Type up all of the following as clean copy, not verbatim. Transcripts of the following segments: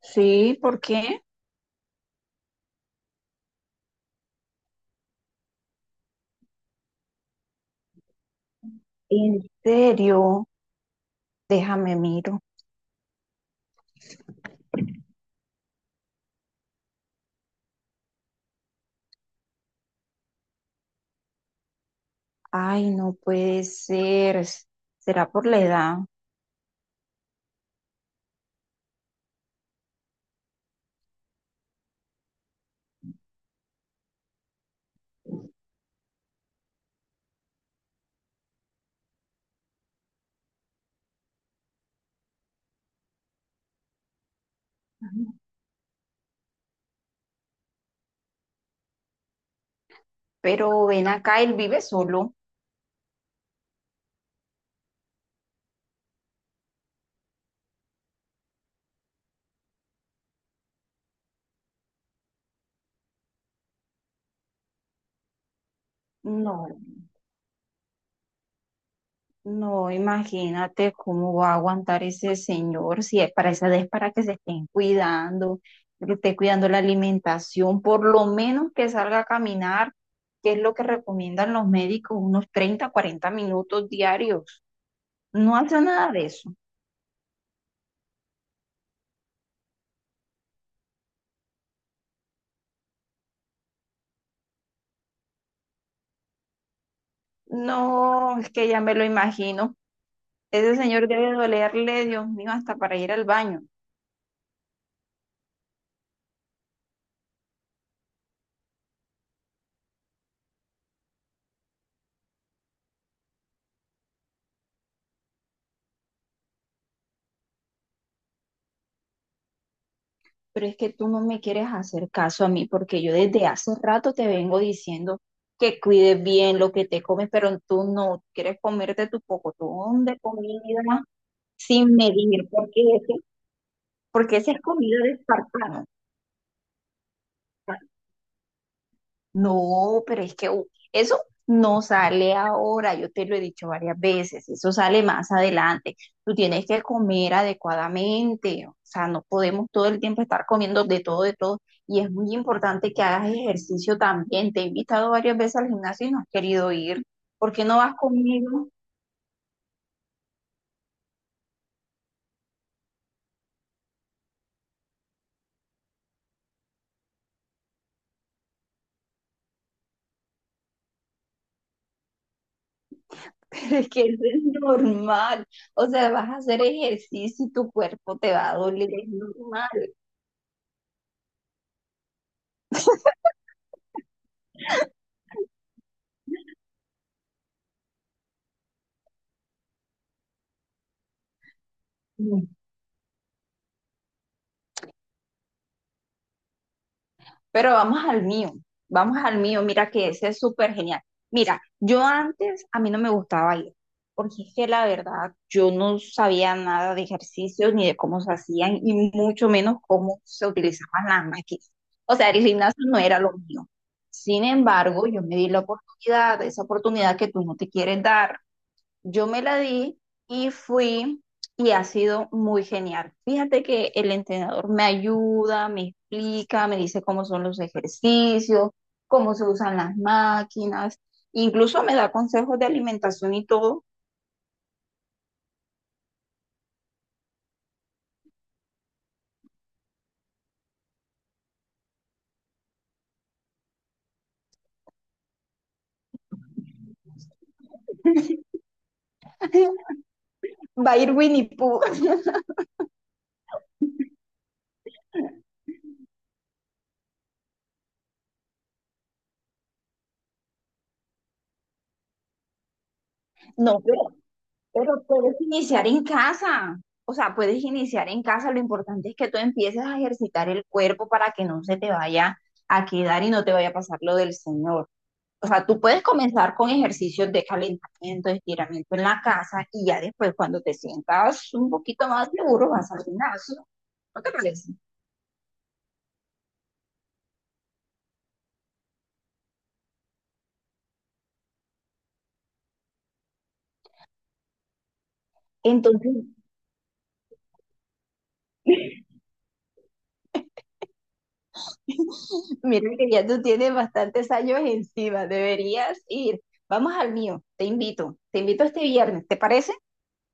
Sí, ¿por qué? En serio, déjame miro. Ay, no puede ser. ¿Será por la edad? Pero ven acá, él vive solo. No, no, imagínate cómo va a aguantar ese señor si es para esa edad es para que se estén cuidando, que esté cuidando la alimentación, por lo menos que salga a caminar, que es lo que recomiendan los médicos, unos 30, 40 minutos diarios. No hace nada de eso. No, es que ya me lo imagino. Ese señor debe dolerle, Dios mío, hasta para ir al baño. Pero es que tú no me quieres hacer caso a mí porque yo desde hace rato te vengo diciendo que cuides bien lo que te comes, pero tú no quieres comerte tu pocotón de comida sin medir, porque ese, porque esa es comida de espartano. No, pero es que eso no sale ahora, yo te lo he dicho varias veces, eso sale más adelante. Tú tienes que comer adecuadamente, o sea, no podemos todo el tiempo estar comiendo de todo, de todo. Y es muy importante que hagas ejercicio también. Te he invitado varias veces al gimnasio y no has querido ir. ¿Por qué no vas conmigo? Pero es que eso es normal. O sea, vas a hacer ejercicio y tu cuerpo te va a doler, es normal. Pero vamos al mío, mira que ese es súper genial. Mira, yo antes a mí no me gustaba bailar, porque es que la verdad yo no sabía nada de ejercicios ni de cómo se hacían y mucho menos cómo se utilizaban las máquinas. O sea, el gimnasio no era lo mío. Sin embargo, yo me di la oportunidad, esa oportunidad que tú no te quieres dar, yo me la di y fui y ha sido muy genial. Fíjate que el entrenador me ayuda, me explica, me dice cómo son los ejercicios, cómo se usan las máquinas, incluso me da consejos de alimentación y todo. Va a ir Winnie Pooh. No, pero puedes iniciar en casa. O sea, puedes iniciar en casa. Lo importante es que tú empieces a ejercitar el cuerpo para que no se te vaya a quedar y no te vaya a pasar lo del Señor. O sea, tú puedes comenzar con ejercicios de calentamiento, estiramiento en la casa y ya después cuando te sientas un poquito más seguro vas al gimnasio. ¿No te parece? Entonces, mira que ya tú tienes bastantes años encima, deberías ir. Vamos al mío, te invito este viernes, ¿te parece?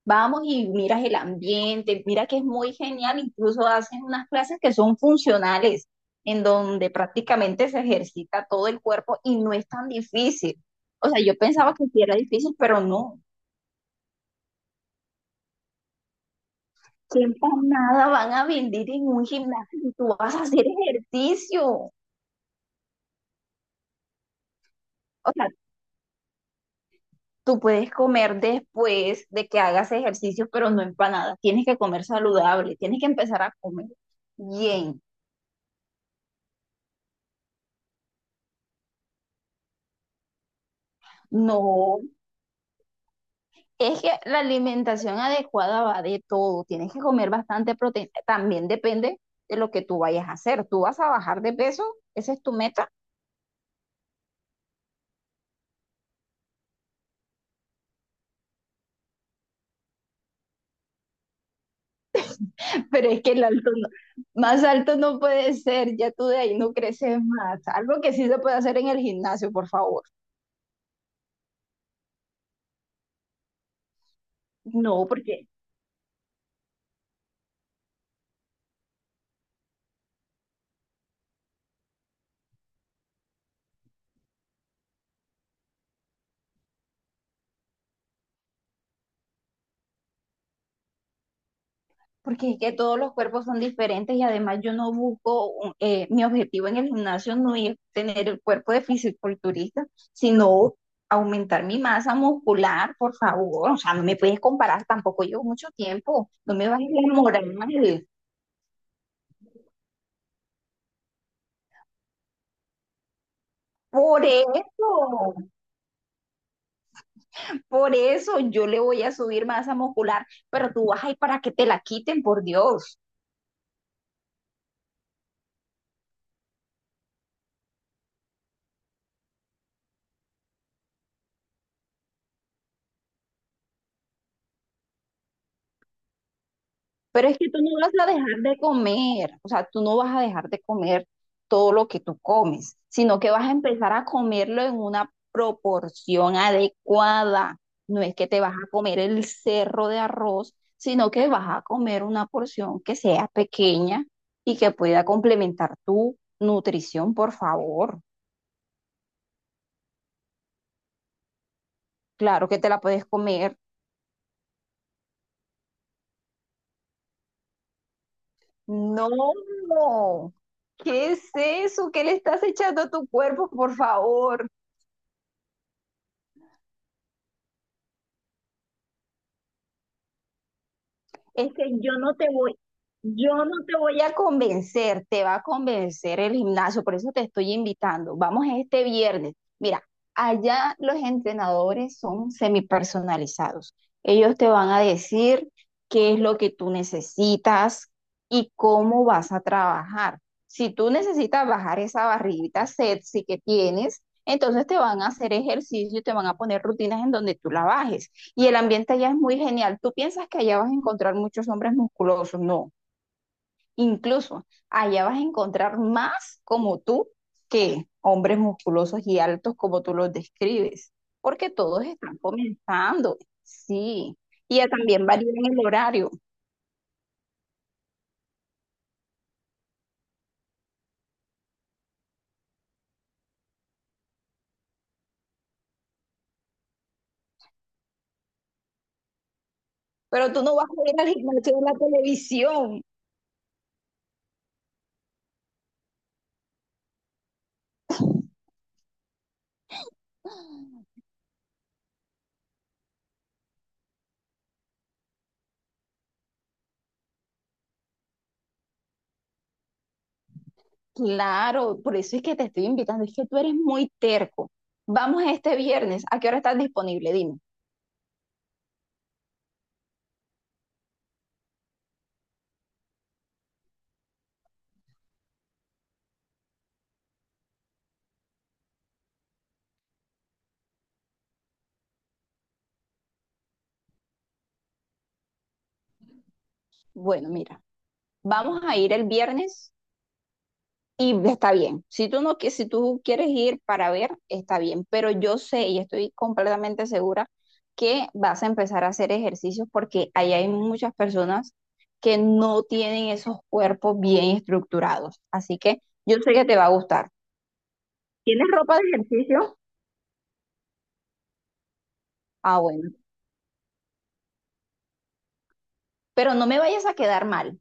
Vamos y miras el ambiente, mira que es muy genial, incluso hacen unas clases que son funcionales, en donde prácticamente se ejercita todo el cuerpo y no es tan difícil. O sea, yo pensaba que sí era difícil, pero no. ¿Qué nada van a vender en un gimnasio y tú vas a hacer ejercicio? O sea, tú puedes comer después de que hagas ejercicio, pero no empanadas. Tienes que comer saludable, tienes que empezar a comer bien. No, es que la alimentación adecuada va de todo. Tienes que comer bastante proteína. También depende de lo que tú vayas a hacer. Tú vas a bajar de peso, esa es tu meta. Pero es que el alto no- más alto no puede ser. Ya tú de ahí no creces más. Algo que sí se puede hacer en el gimnasio, por favor. No, porque Porque es que todos los cuerpos son diferentes y además yo no busco, mi objetivo en el gimnasio no es tener el cuerpo de fisiculturista, sino aumentar mi masa muscular, por favor. O sea, no me puedes comparar, tampoco llevo mucho tiempo, no me bajes la moral. Por eso, por eso yo le voy a subir masa muscular, pero tú vas ahí para que te la quiten, por Dios. Pero es que tú no vas a dejar de comer, o sea, tú no vas a dejar de comer todo lo que tú comes, sino que vas a empezar a comerlo en una proporción adecuada. No es que te vas a comer el cerro de arroz, sino que vas a comer una porción que sea pequeña y que pueda complementar tu nutrición, por favor. Claro que te la puedes comer. No, ¿qué es eso? ¿Qué le estás echando a tu cuerpo, por favor? Es que yo no te voy, yo no te voy a convencer, te va a convencer el gimnasio, por eso te estoy invitando. Vamos este viernes. Mira, allá los entrenadores son semipersonalizados. Ellos te van a decir qué es lo que tú necesitas y cómo vas a trabajar. Si tú necesitas bajar esa barriguita sexy que tienes, entonces te van a hacer ejercicio y te van a poner rutinas en donde tú la bajes. Y el ambiente allá es muy genial. Tú piensas que allá vas a encontrar muchos hombres musculosos, no. Incluso allá vas a encontrar más como tú que hombres musculosos y altos como tú los describes, porque todos están comenzando, sí. Y ya también varía en el horario, pero tú no vas a ir al gimnasio de la televisión. Claro, por eso es que te estoy invitando, es que tú eres muy terco. Vamos este viernes, ¿a qué hora estás disponible? Dime. Bueno, mira, vamos a ir el viernes. Y está bien, si tú no, qui- si tú quieres ir para ver, está bien, pero yo sé y estoy completamente segura que vas a empezar a hacer ejercicios porque ahí hay muchas personas que no tienen esos cuerpos bien estructurados. Así que yo sé que te va a gustar. ¿Tienes ropa de ejercicio? Ah, bueno, pero no me vayas a quedar mal.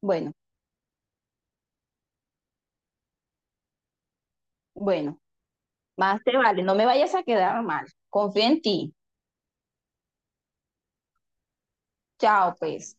Bueno, bueno, más te vale, no me vayas a quedar mal. Confía en ti. Chao, pues.